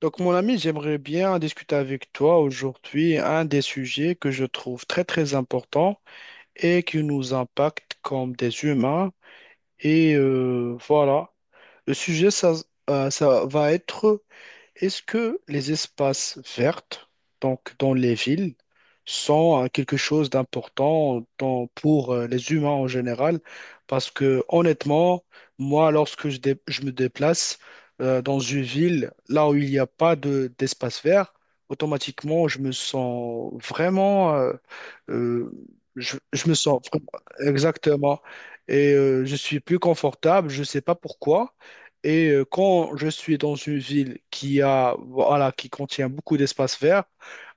Donc, mon ami, j'aimerais bien discuter avec toi aujourd'hui un des sujets que je trouve très, très important et qui nous impacte comme des humains. Et voilà, le sujet, ça, ça va être est-ce que les espaces verts, donc dans les villes, sont quelque chose d'important pour les humains en général? Parce que honnêtement, moi, lorsque je me déplace dans une ville, là où il n'y a pas d'espace vert, automatiquement, je me sens vraiment... euh, je me sens vraiment- exactement. Et je suis plus confortable, je ne sais pas pourquoi. Et quand je suis dans une ville qui a, voilà, qui contient beaucoup d'espace vert,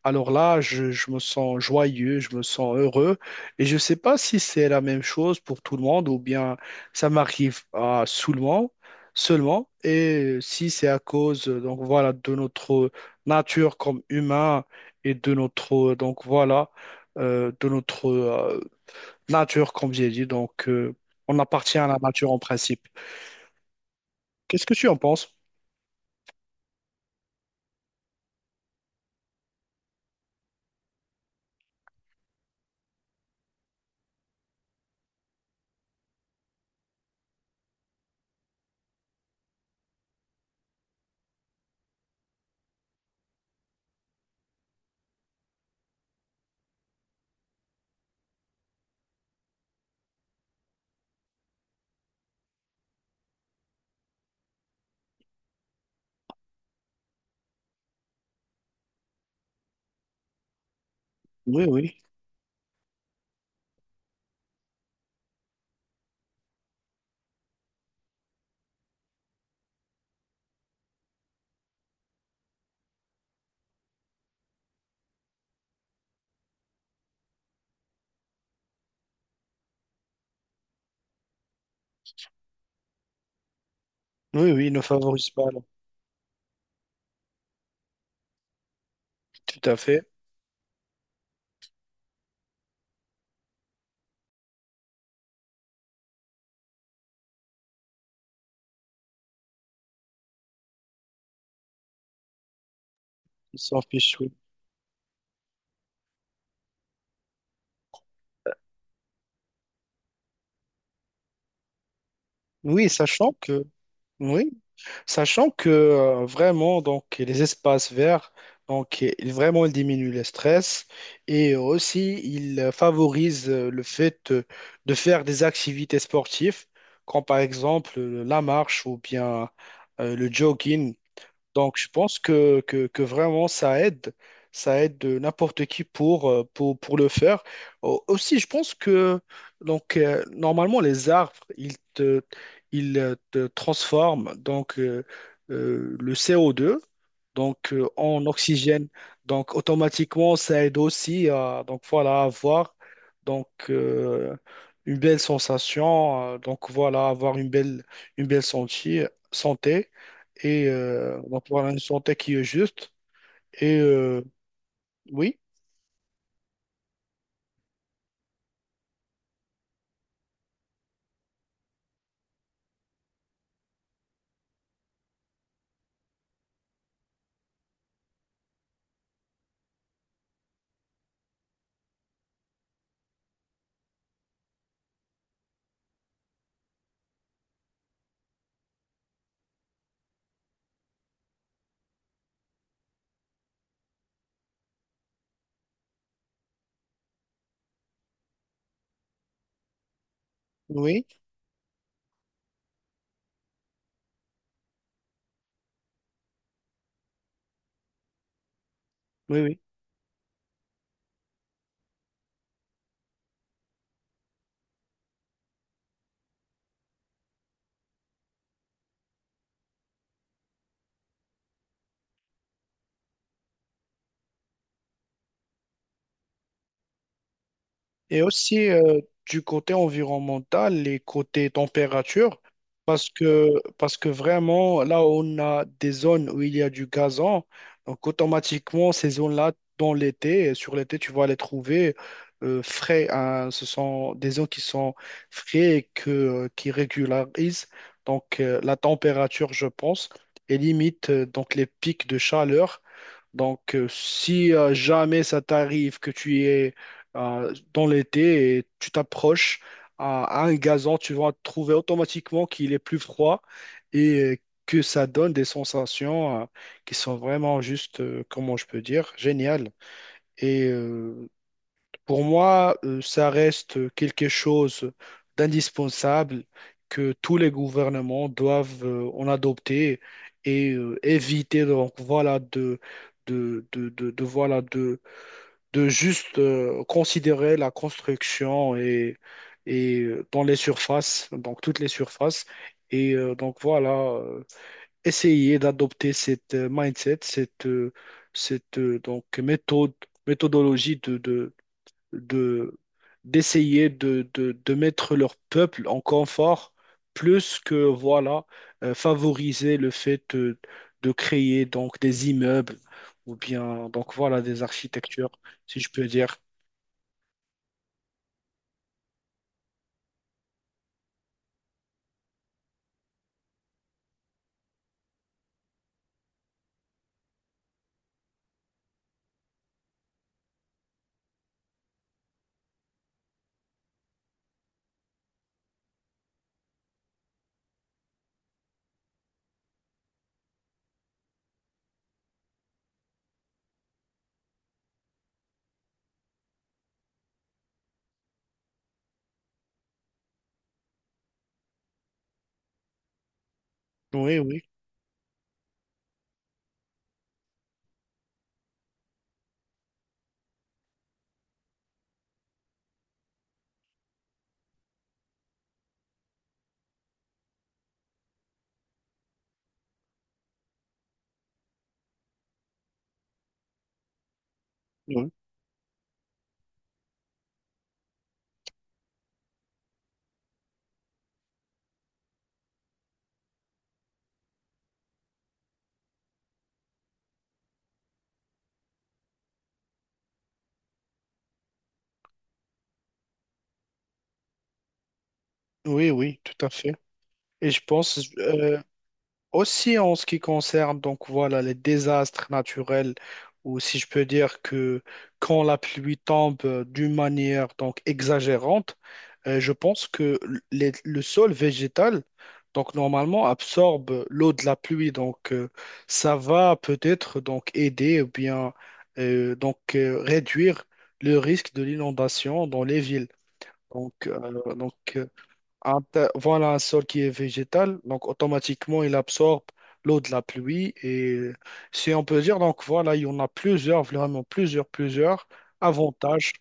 alors là, je me sens joyeux, je me sens heureux. Et je ne sais pas si c'est la même chose pour tout le monde ou bien ça m'arrive à seulement, seulement. Et si c'est à cause, donc voilà, de notre nature comme humain et de notre, donc voilà, de notre nature comme j'ai dit. Donc, on appartient à la nature en principe. Qu'est-ce que tu en penses? Oui, oui. Oui, oui, ne favorise pas, là. Tout à fait. Ils s'en fichent, oui. Oui, sachant que, oui, sachant que vraiment, donc, les espaces verts, donc, vraiment, ils diminuent le stress et aussi, ils favorisent le fait de faire des activités sportives, comme par exemple la marche ou bien le jogging. Donc, je pense que vraiment, ça aide. Ça aide n'importe qui pour, pour le faire. Aussi, je pense que donc, normalement, les arbres, ils te transforment le CO2 en oxygène. Donc automatiquement, ça aide aussi à donc voilà, à avoir donc, une belle sensation, donc voilà, avoir une belle santé, santé et donc voilà, une santé qui est juste. Et oui, oui, oui, oui. Et aussi du côté environnemental et côté température, parce que, parce que vraiment, là où on a des zones où il y a du gazon, donc automatiquement, ces zones-là, dans l'été, et sur l'été, tu vas les trouver frais. Hein. Ce sont des zones qui sont frais et que, qui régularisent donc, la température, je pense, et limite donc les pics de chaleur donc, si jamais ça t'arrive que tu es dans l'été et tu t'approches à un gazon, tu vas trouver automatiquement qu'il est plus froid et que ça donne des sensations qui sont vraiment juste, comment je peux dire, géniales. Et pour moi, ça reste quelque chose d'indispensable que tous les gouvernements doivent en adopter et éviter donc voilà voilà de juste considérer la construction et dans les surfaces donc toutes les surfaces et donc voilà essayer d'adopter cette mindset cette donc méthode méthodologie de d'essayer de mettre leur peuple en confort plus que voilà favoriser le fait de créer donc des immeubles ou bien donc voilà des architectures si je peux dire. Oui, oui, oui, oui, oui, tout à fait. Et je pense, aussi en ce qui concerne donc voilà les désastres naturels ou si je peux dire que quand la pluie tombe d'une manière donc exagérante, je pense que le sol végétal donc normalement absorbe l'eau de la pluie ça va peut-être donc aider ou bien réduire le risque de l'inondation dans les villes. Donc, euh, donc euh, voilà un sol qui est végétal, donc automatiquement il absorbe l'eau de la pluie et si on peut dire, donc voilà, il y en a plusieurs, vraiment plusieurs avantages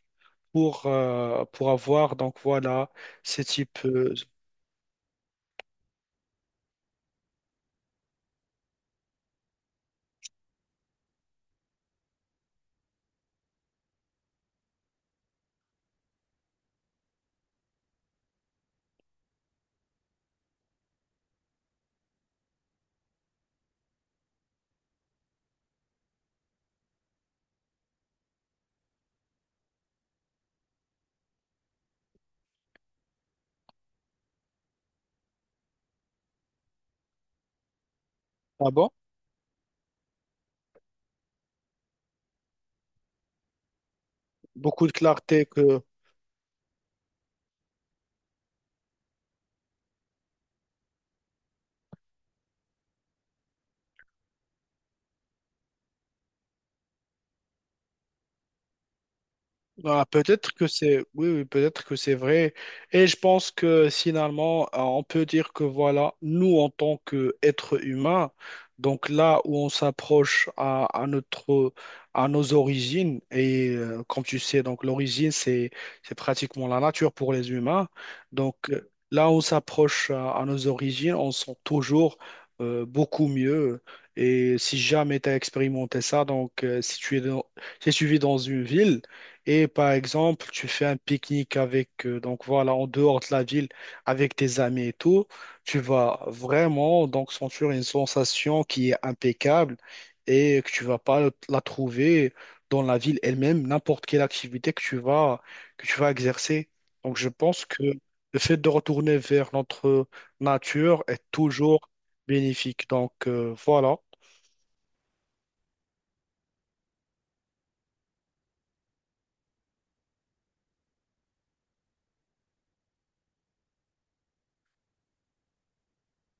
pour avoir, donc voilà, ces types ah bon, beaucoup de clarté que Ah, peut-être que c'est oui, oui, peut-être que c'est vrai. Et je pense que finalement, on peut dire que voilà, nous en tant qu'êtres humains, donc là où on s'approche à notre à nos origines, et comme tu sais, donc l'origine, c'est pratiquement la nature pour les humains. Donc là où on s'approche à nos origines, on sent toujours beaucoup mieux. Et si jamais tu as expérimenté ça, donc si tu es dans, si tu vis dans une ville, et par exemple, tu fais un pique-nique avec, donc voilà, en dehors de la ville, avec tes amis et tout, tu vas vraiment donc sentir une sensation qui est impeccable et que tu vas pas la trouver dans la ville elle-même, n'importe quelle activité que tu vas exercer. Donc je pense que le fait de retourner vers notre nature est toujours bénéfique. Donc voilà,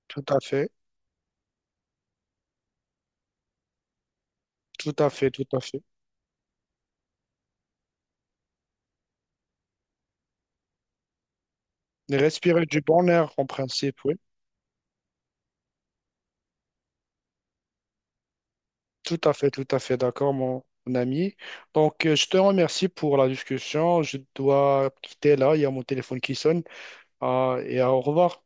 tout à fait, tout à fait, tout à fait. Et respirer du bon air en principe, oui. Tout à fait d'accord, mon ami. Donc, je te remercie pour la discussion. Je dois quitter là, il y a mon téléphone qui sonne. Ah, et au revoir.